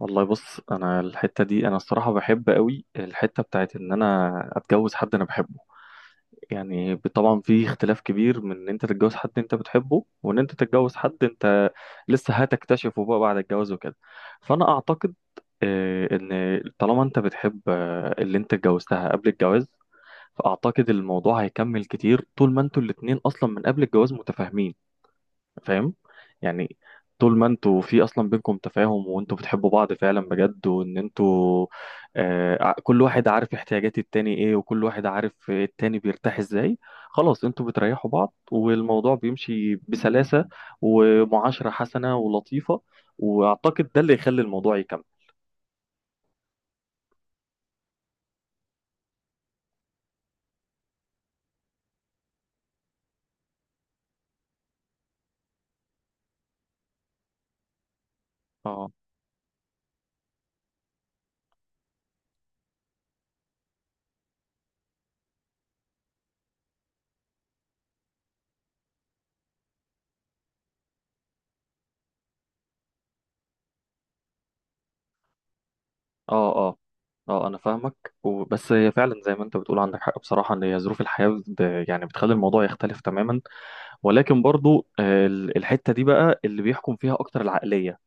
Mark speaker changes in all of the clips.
Speaker 1: والله، بص، انا الحته دي انا الصراحه بحب قوي الحته بتاعت ان انا اتجوز حد انا بحبه. يعني طبعا في اختلاف كبير من ان انت تتجوز حد انت بتحبه، وان انت تتجوز حد انت لسه هتكتشفه بقى بعد الجواز وكده. فانا اعتقد ان طالما انت بتحب اللي انت اتجوزتها قبل الجواز، فاعتقد الموضوع هيكمل كتير طول ما انتوا الاتنين اصلا من قبل الجواز متفاهمين، فاهم؟ يعني طول ما انتوا في اصلا بينكم تفاهم وانتوا بتحبوا بعض فعلا بجد، وان انتوا كل واحد عارف احتياجات التاني ايه، وكل واحد عارف التاني بيرتاح ازاي، خلاص انتوا بتريحوا بعض والموضوع بيمشي بسلاسة ومعاشرة حسنة ولطيفة. واعتقد ده اللي يخلي الموضوع يكمل. اه، اه، اه، اه، انا فاهمك، بس هي فعلا زي ما انت بتقول، عندك حق بصراحه، ان هي ظروف الحياه يعني بتخلي الموضوع يختلف تماما. ولكن برضو الحتة دي بقى اللي بيحكم فيها أكتر العقلية.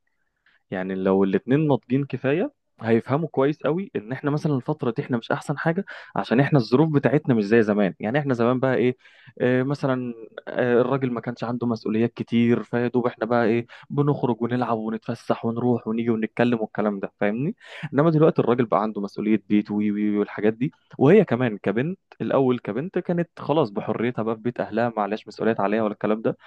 Speaker 1: يعني لو الاتنين ناضجين كفاية، هيفهموا كويس قوي ان احنا مثلا الفتره دي احنا مش احسن حاجه، عشان احنا الظروف بتاعتنا مش زي زمان. يعني احنا زمان بقى ايه؟ اه، مثلا الراجل ما كانش عنده مسؤوليات كتير، فيا دوب احنا بقى ايه؟ بنخرج ونلعب ونتفسح ونروح ونيجي ونتكلم والكلام ده، فاهمني؟ انما دلوقتي الراجل بقى عنده مسؤوليه بيت وي وي وي والحاجات دي. وهي كمان كبنت، الاول كبنت كانت خلاص بحريتها بقى في بيت اهلها، معلش مسؤوليات عليها ولا الكلام ده.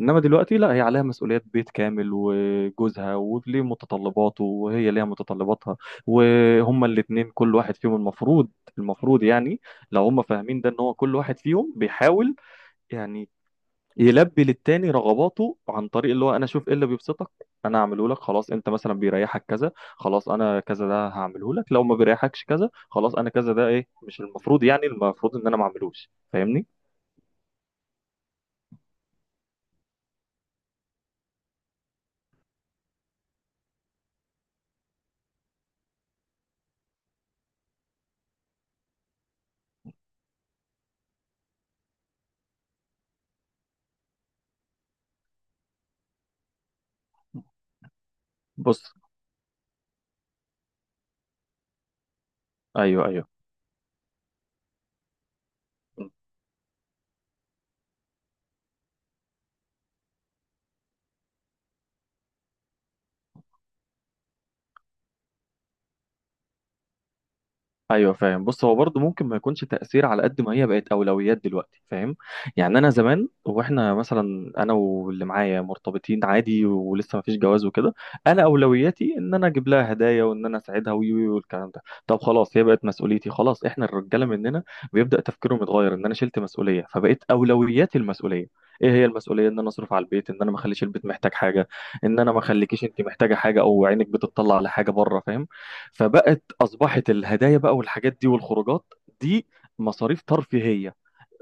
Speaker 1: انما دلوقتي لا، هي عليها مسؤوليات بيت كامل وجوزها وليه متطلباته وهي ليها متطلباتها، وهما الاتنين كل واحد فيهم المفروض، يعني لو هما فاهمين ده ان هو كل واحد فيهم بيحاول، يعني يلبي للتاني رغباته، عن طريق اللي هو انا اشوف ايه اللي بيبسطك انا اعمله لك. خلاص، انت مثلا بيريحك كذا خلاص انا كذا ده هعمله لك، لو ما بيريحكش كذا خلاص انا كذا ده ايه مش المفروض، يعني المفروض ان انا ما اعملوش، فاهمني؟ بص، ايوه، ايوه، ايوه، فاهم. بص، هو برضه ممكن ما يكونش تأثير على قد ما هي بقت أولويات دلوقتي، فاهم؟ يعني انا زمان، واحنا مثلا انا واللي معايا مرتبطين عادي ولسه ما فيش جواز وكده، انا أولوياتي ان انا اجيب لها هدايا، وان انا اساعدها وي وي والكلام ده. طب خلاص، هي بقت مسؤوليتي، خلاص احنا الرجاله مننا بيبدأ تفكيرهم يتغير ان انا شلت مسؤولية، فبقيت أولوياتي المسؤولية. ايه هي المسؤوليه؟ ان انا اصرف على البيت، ان انا ما اخليش البيت محتاج حاجه، ان انا ما اخليكيش انت محتاجه حاجه او عينك بتطلع على حاجه بره، فاهم؟ فبقت اصبحت الهدايا بقى والحاجات دي والخروجات دي مصاريف ترفيهيه.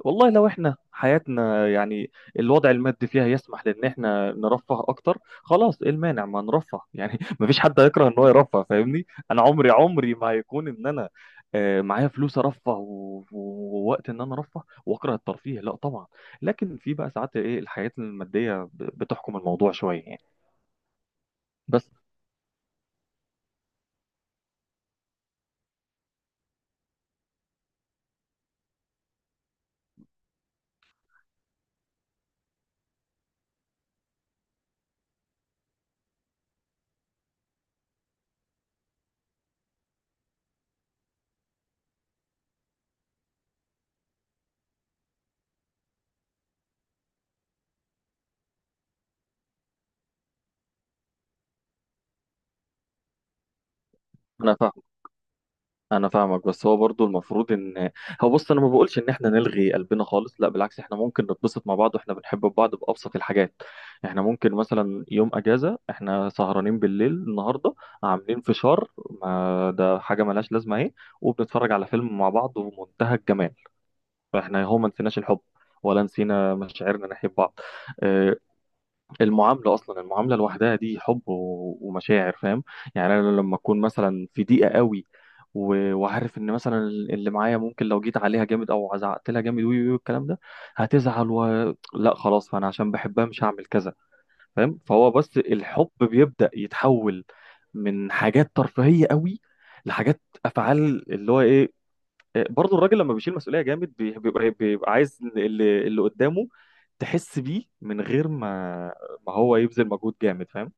Speaker 1: والله لو احنا حياتنا يعني الوضع المادي فيها يسمح لان احنا نرفه اكتر، خلاص ايه المانع ما نرفه يعني؟ مفيش حد هيكره ان هو يرفه، فاهمني؟ انا عمري عمري ما هيكون ان انا معايا فلوس ارفه ووقت ان انا ارفه واكره الترفيه، لا طبعا. لكن في بقى ساعات ايه؟ الحياه الماديه بتحكم الموضوع شويه، يعني. بس انا انا فاهمك، بس هو برضو المفروض ان هو، بص، انا ما بقولش ان احنا نلغي قلبنا خالص، لا بالعكس، احنا ممكن نتبسط مع بعض واحنا بنحب بعض بابسط الحاجات. احنا ممكن مثلا يوم اجازه احنا سهرانين بالليل النهارده عاملين فشار، ما ده حاجه ملهاش لازمه اهي، وبنتفرج على فيلم مع بعض ومنتهى الجمال. فاحنا هو ما نسيناش الحب ولا نسينا مشاعرنا ناحيه بعض. آه، المعاملة أصلا، المعاملة لوحدها دي حب ومشاعر، فاهم؟ يعني أنا لما أكون مثلا في ضيقة قوي، وعارف إن مثلا اللي معايا ممكن لو جيت عليها جامد أو زعقت لها جامد وي وي والكلام ده هتزعل لا خلاص، فأنا عشان بحبها مش هعمل كذا، فاهم؟ فهو بس الحب بيبدأ يتحول من حاجات ترفيهية قوي لحاجات أفعال اللي هو إيه. برضه الراجل لما بيشيل مسؤولية جامد بيبقى عايز اللي قدامه تحس بيه من غير ما هو يبذل مجهود جامد، فاهم؟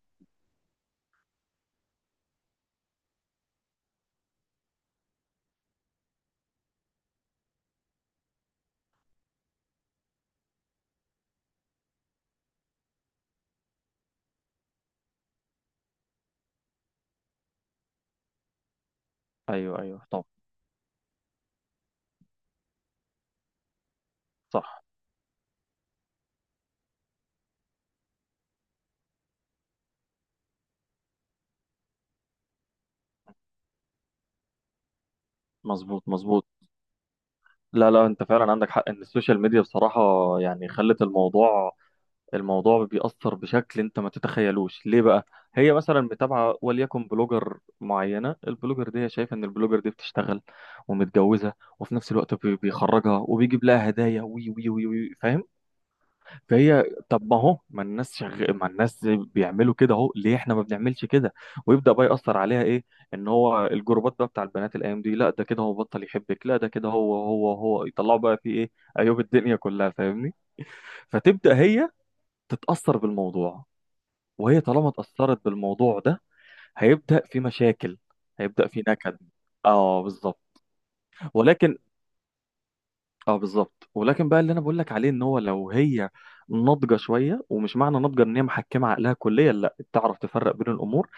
Speaker 1: ايوه، ايوه، طب، صح، مظبوط، مظبوط، لا، لا، انت فعلا عندك حق ان السوشيال ميديا بصراحة يعني خلت الموضوع، بيأثر بشكل انت ما تتخيلوش، ليه بقى؟ هي مثلا متابعة وليكن بلوجر معينة، البلوجر دي هي شايفة ان البلوجر دي بتشتغل ومتجوزة، وفي نفس الوقت بيخرجها وبيجيب لها هدايا وي وي وي وي، فاهم؟ فهي طب ما هو ما الناس بيعملوا كده اهو، ليه احنا ما بنعملش كده؟ ويبدأ بقى يأثر عليها ايه؟ ان هو الجروبات بقى بتاع البنات الايام دي، لا ده كده هو بطل يحبك، لا ده كده هو هو هو يطلعوا بقى فيه ايه؟ عيوب الدنيا كلها، فاهمني؟ فتبدأ هي تتأثر بالموضوع. وهي طالما اتأثرت بالموضوع ده هيبدأ في مشاكل، هيبدأ في نكد. اه بالظبط. ولكن، اه بالظبط، ولكن بقى اللي انا بقول لك عليه، ان هو لو هي ناضجه شويه، ومش معنى ناضجه ان هي محكمه عقلها كليا، لا بتعرف تفرق بين الامور.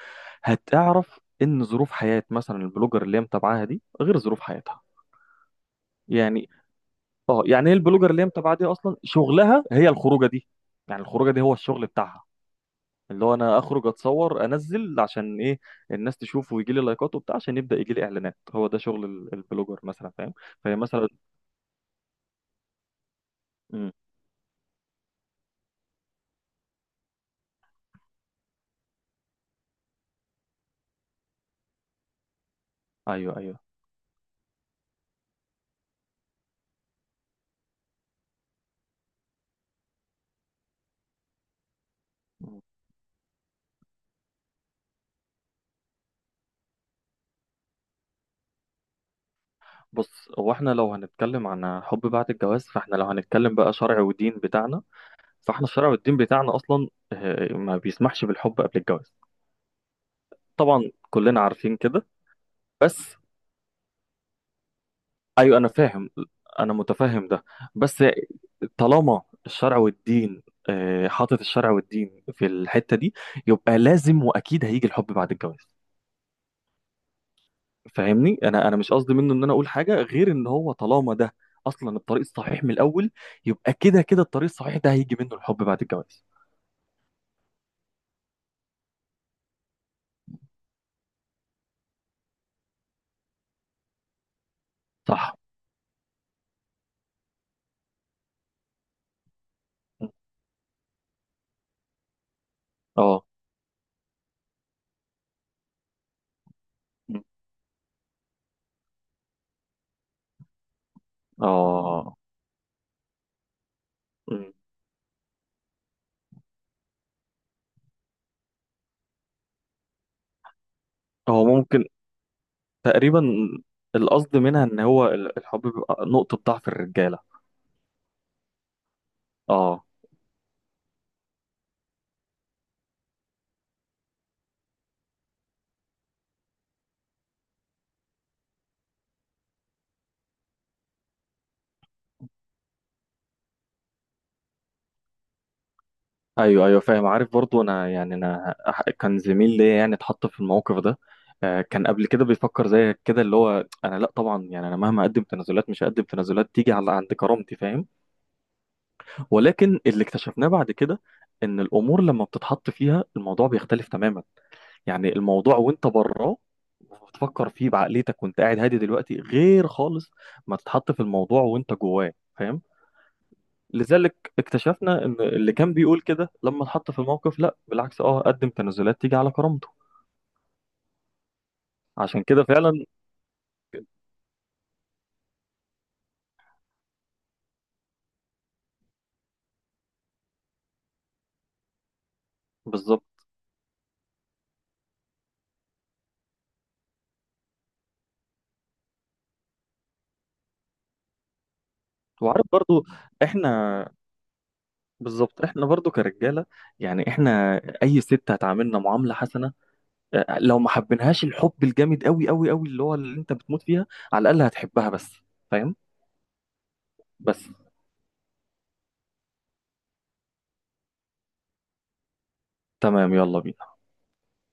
Speaker 1: هتعرف ان ظروف حياه مثلا البلوجر اللي هي متابعاها دي غير ظروف حياتها، يعني. اه يعني هي البلوجر اللي هي متابعاها دي اصلا شغلها هي الخروجه دي، يعني الخروجه دي هو الشغل بتاعها، اللي هو انا اخرج اتصور انزل عشان ايه؟ الناس تشوف ويجي لي لايكات وبتاع عشان يبدا يجي لي اعلانات. هو ده شغل البلوجر مثلا، فاهم؟ فهي مثلا. امم. ايوه، ايوه. بص، هو احنا لو هنتكلم عن حب بعد الجواز، فاحنا لو هنتكلم بقى شرع ودين بتاعنا. فاحنا الشرع والدين بتاعنا اصلا ما بيسمحش بالحب قبل الجواز، طبعا كلنا عارفين كده. بس، ايوه، انا فاهم، انا متفهم ده. بس طالما الشرع والدين حاطط الشرع والدين في الحتة دي، يبقى لازم واكيد هيجي الحب بعد الجواز. فاهمني، انا مش قصدي منه ان انا اقول حاجه غير ان هو طالما ده اصلا الطريق الصحيح من الاول، يبقى كده كده الطريق الصحيح ده هيجي منه الحب بعد الجواز. صح. اه، اه. مم. هو ممكن، تقريبا القصد منها ان هو الحب بيبقى نقطه ضعف الرجاله. اه، ايوه، ايوه، فاهم. عارف برضو انا يعني كان زميل ليا يعني اتحط في الموقف ده. كان قبل كده بيفكر زي كده اللي هو: انا لا طبعا، يعني انا مهما اقدم تنازلات مش هقدم تنازلات تيجي على عند كرامتي، فاهم؟ ولكن اللي اكتشفناه بعد كده ان الامور لما بتتحط فيها الموضوع بيختلف تماما. يعني الموضوع وانت براه بتفكر فيه بعقليتك وانت قاعد هادي دلوقتي غير خالص ما تتحط في الموضوع وانت جواه، فاهم؟ لذلك اكتشفنا ان اللي كان بيقول كده لما اتحط في الموقف، لا بالعكس، اه، قدم تنازلات تيجي على كرامته. عشان كده فعلا بالظبط. وعارف برضو احنا، بالظبط، احنا برضو كرجاله، يعني احنا اي ست هتعاملنا معامله حسنه، لو ما حبينهاش الحب الجامد قوي قوي قوي اللي هو اللي انت بتموت فيها، على الاقل هتحبها، بس فاهم؟ بس تمام، يلا بينا.